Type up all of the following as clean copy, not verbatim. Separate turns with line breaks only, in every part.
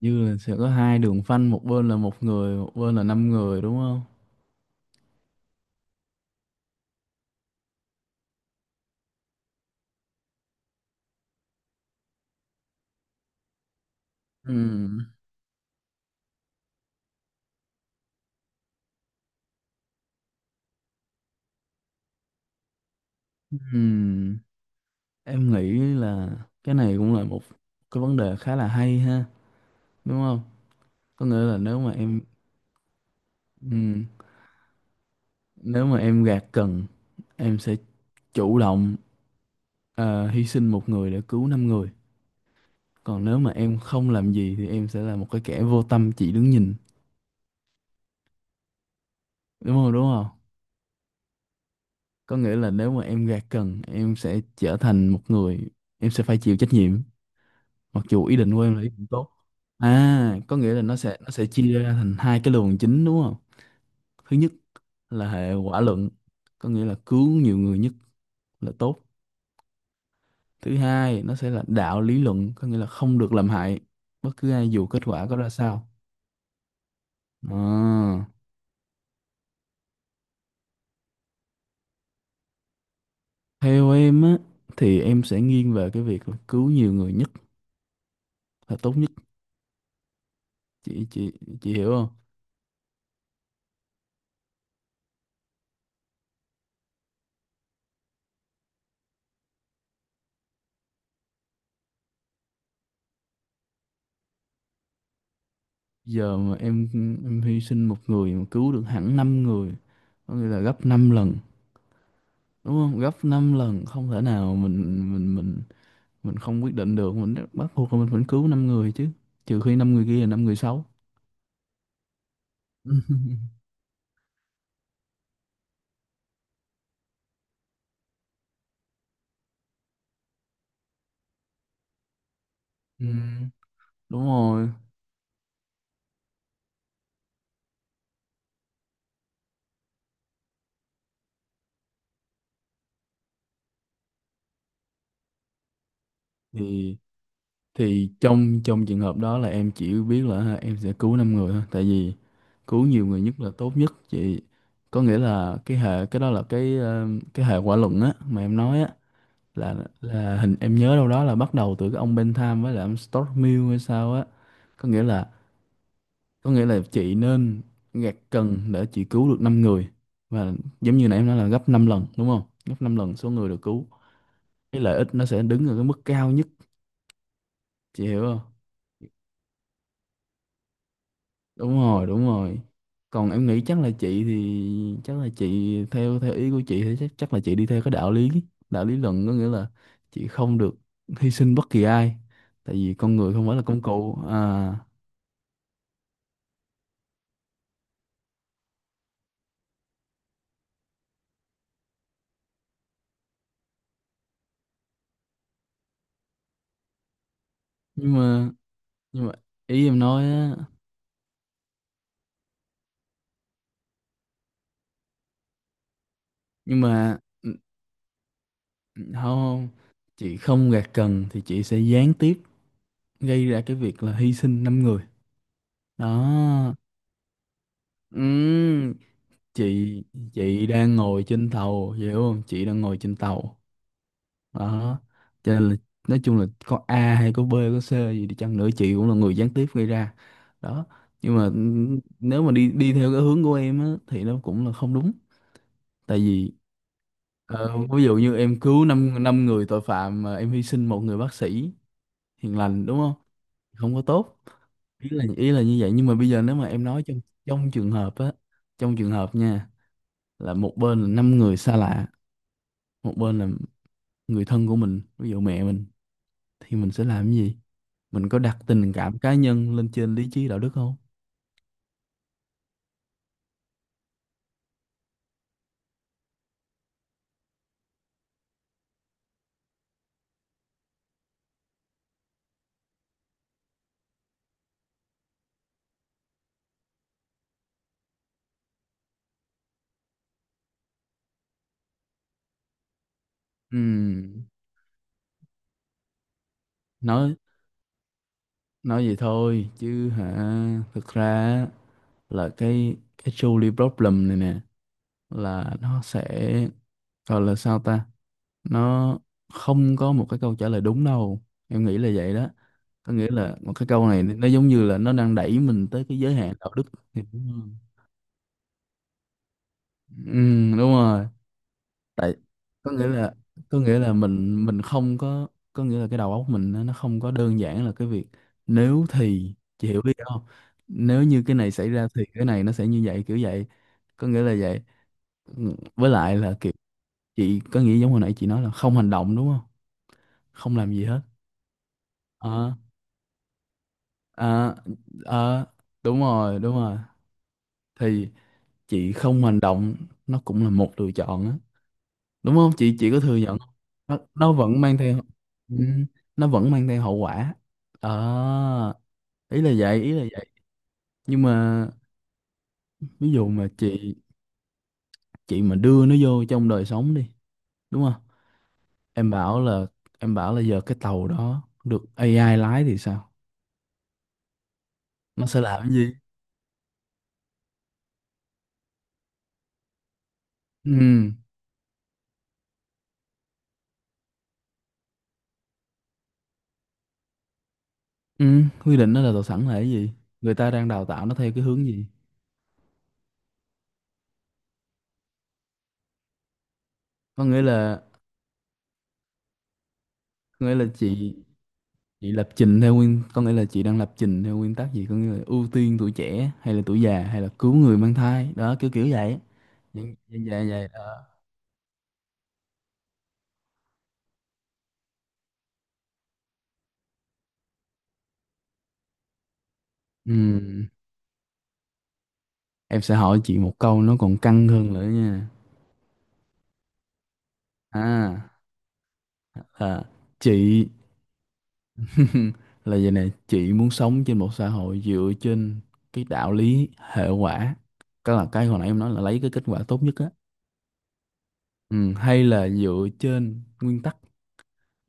Như là sẽ có hai đường phanh, một bên là một người, một bên là năm người, đúng không? Ừm, ừm, em nghĩ là cái này cũng là một cái vấn đề khá là hay ha, đúng không? Có nghĩa là ừm, nếu mà em gạt cần, em sẽ chủ động hy sinh một người để cứu năm người. Còn nếu mà em không làm gì thì em sẽ là một cái kẻ vô tâm chỉ đứng nhìn, đúng không, đúng không? Có nghĩa là nếu mà em gạt cần, em sẽ trở thành một người, em sẽ phải chịu trách nhiệm, mặc dù ý định của em là ý định tốt. À, có nghĩa là nó sẽ chia ra thành hai cái luồng chính, đúng không? Thứ nhất là hệ quả luận, có nghĩa là cứu nhiều người nhất là tốt. Thứ hai, nó sẽ là đạo lý luận, có nghĩa là không được làm hại bất cứ ai dù kết quả có ra sao. à, Theo em á, thì em sẽ nghiêng về cái việc là cứu nhiều người nhất là tốt nhất. Chị chị chị hiểu không? Giờ mà em hy sinh một người mà cứu được hẳn năm người, có nghĩa là gấp 5 lần, đúng không? Gấp 5 lần, không thể nào mình không quyết định được, mình bắt buộc là mình phải cứu năm người chứ, trừ khi năm người kia là năm người xấu. Ừ. Đúng rồi. Thì thì trong trong trường hợp đó là em chỉ biết là ha, em sẽ cứu năm người thôi, tại vì cứu nhiều người nhất là tốt nhất, chị. Có nghĩa là cái hệ, cái đó là cái cái hệ quả luận á mà em nói á. Là là hình em nhớ đâu đó là bắt đầu từ cái ông Bentham với lại ông Stuart Mill hay sao á, có nghĩa là có nghĩa là chị nên gạt cần để chị cứu được 5 người, và giống như nãy em nói là gấp 5 lần, đúng không? Gấp 5 lần số người được cứu, cái lợi ích nó sẽ đứng ở cái mức cao nhất. Chị hiểu không? Đúng rồi, đúng rồi. Còn em nghĩ chắc là chị thì chắc là chị theo theo ý của chị thì chắc chắc là chị đi theo cái đạo lý luận, có nghĩa là chị không được hy sinh bất kỳ ai, tại vì con người không phải là công cụ. À, nhưng mà nhưng mà ý em nói á, nhưng mà không, chị không gạt cần thì chị sẽ gián tiếp gây ra cái việc là hy sinh năm người. Đó. Ừm, chị chị đang ngồi trên tàu, hiểu không? Chị đang ngồi trên tàu. Đó, cho nên là nói chung là có A hay có B có C gì đi chăng nữa, chị cũng là người gián tiếp gây ra. Đó. Nhưng mà nếu mà đi đi theo cái hướng của em á, thì nó cũng là không đúng. Tại vì ví dụ như em cứu năm năm người tội phạm mà em hy sinh một người bác sĩ hiền lành, đúng không? Không có tốt. Ý là như vậy, nhưng mà bây giờ nếu mà em nói trong trong trường hợp á trong trường hợp nha, là một bên là năm người xa lạ, một bên là người thân của mình, ví dụ mẹ mình, thì mình sẽ làm cái gì? Mình có đặt tình cảm cá nhân lên trên lý trí đạo đức không? Ừm, nói nói vậy thôi chứ hả, thực ra á, là cái trolley problem này nè, là nó sẽ, gọi là sao ta, nó không có một cái câu trả lời đúng đâu, em nghĩ là vậy đó. Có nghĩa là một cái câu này nó giống như là nó đang đẩy mình tới cái giới hạn đạo đức. Thì đúng, ừ, đúng rồi. Tại có nghĩa là có nghĩa là mình không có, có nghĩa là cái đầu óc mình nó không có đơn giản là cái việc. Nếu thì, chị hiểu ý không? Nếu như cái này xảy ra thì cái này nó sẽ như vậy, kiểu vậy, có nghĩa là vậy. Ừ, với lại là kiểu chị có nghĩa giống hồi nãy chị nói là không hành động, đúng không? Không làm gì hết. Ờ, à, à, đúng rồi, đúng rồi. Thì chị không hành động, nó cũng là một lựa chọn á, đúng không? Chị có thừa nhận không? nó, nó vẫn mang theo ừ, nó vẫn mang theo hậu quả. Ờ, ý là vậy, ý là vậy. Nhưng mà ví dụ mà chị mà đưa nó vô trong đời sống đi, đúng không? Em bảo là em bảo là giờ cái tàu đó được AI lái thì sao? Nó sẽ làm cái gì? Ừ, ừ, quy định nó là tàu sẵn là cái gì? Người ta đang đào tạo nó theo cái hướng gì? Có nghĩa là có nghĩa là chị lập trình theo nguyên, có nghĩa là chị đang lập trình theo nguyên tắc gì, có nghĩa là ưu tiên tuổi trẻ hay là tuổi già hay là cứu người mang thai, đó, kiểu kiểu vậy. Những như vậy, vậy đó. Ừm, em sẽ hỏi chị một câu nó còn căng hơn nữa nha. À, là chị là vậy này, chị muốn sống trên một xã hội dựa trên cái đạo lý hệ quả, cái là cái hồi nãy em nói là lấy cái kết quả tốt nhất á. Hay là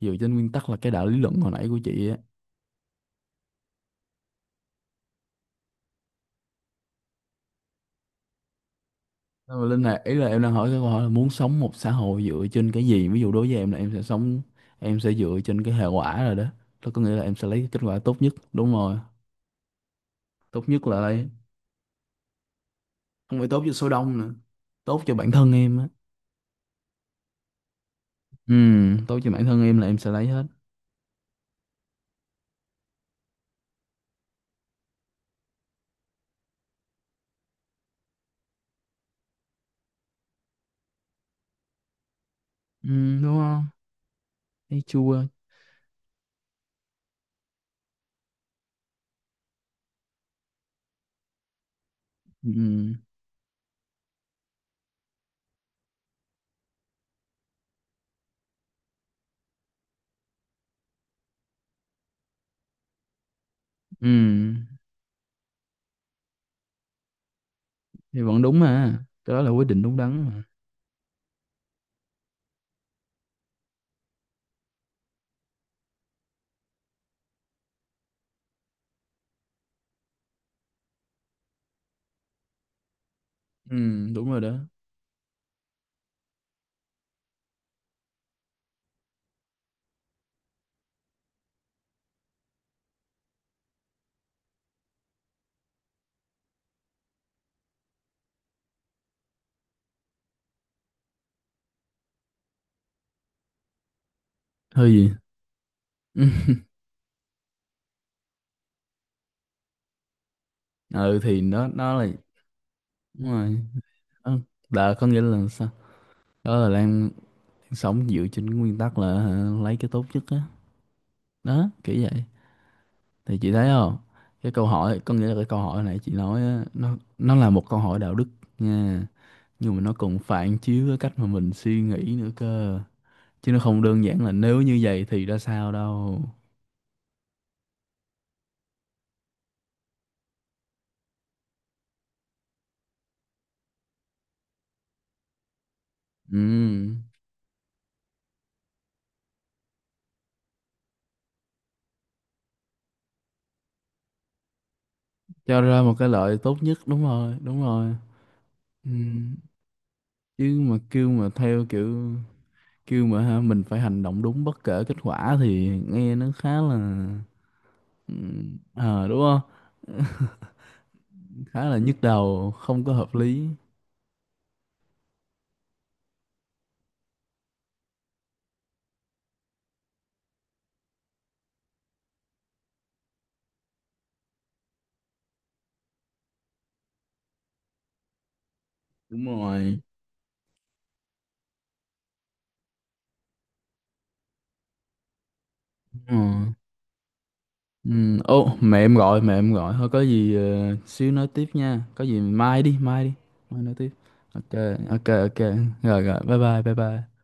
dựa trên nguyên tắc là cái đạo lý luận hồi nãy của chị á. Nhưng mà Linh này, ý là em đang hỏi cái câu hỏi là muốn sống một xã hội dựa trên cái gì. Ví dụ đối với em là em sẽ sống em sẽ dựa trên cái hệ quả rồi đó. Đó, có nghĩa là em sẽ lấy cái kết quả tốt nhất, đúng rồi. Tốt nhất là lấy, không phải tốt cho số đông nữa, tốt cho bản thân em á. Ừ, tốt cho bản thân em là em sẽ lấy hết. Ừ, đúng không? Thấy chua. Ừ, ừ thì vẫn đúng mà. Cái đó là quyết định đúng đắn mà. Ừ, đúng rồi đó. Hơi gì? Ừ, thì nó là. Đúng rồi. Ừ, là có nghĩa là sao? Đó là đang sống dựa trên cái nguyên tắc là hả, lấy cái tốt nhất á. Đó, kiểu vậy. Thì chị thấy không? Cái câu hỏi có nghĩa là cái câu hỏi này chị nói á, nó là một câu hỏi đạo đức nha. Nhưng mà nó còn phản chiếu cái cách mà mình suy nghĩ nữa cơ. Chứ nó không đơn giản là nếu như vậy thì ra sao đâu. Ừ, cho ra một cái lợi tốt nhất, đúng rồi, đúng rồi. Ừ. Chứ mà kêu mà ha, mình phải hành động đúng bất kể kết quả thì nghe nó khá là. Ừ, ờ, đúng không? Khá là nhức đầu, không có hợp lý. Đúng rồi. Ừ. Ừ. Ô, mẹ em gọi, mẹ em gọi, thôi có gì xíu nói tiếp nha, có gì mai đi, mai đi. Mai nói tiếp. Ok, ok, ok. Rồi rồi, bye bye, bye bye.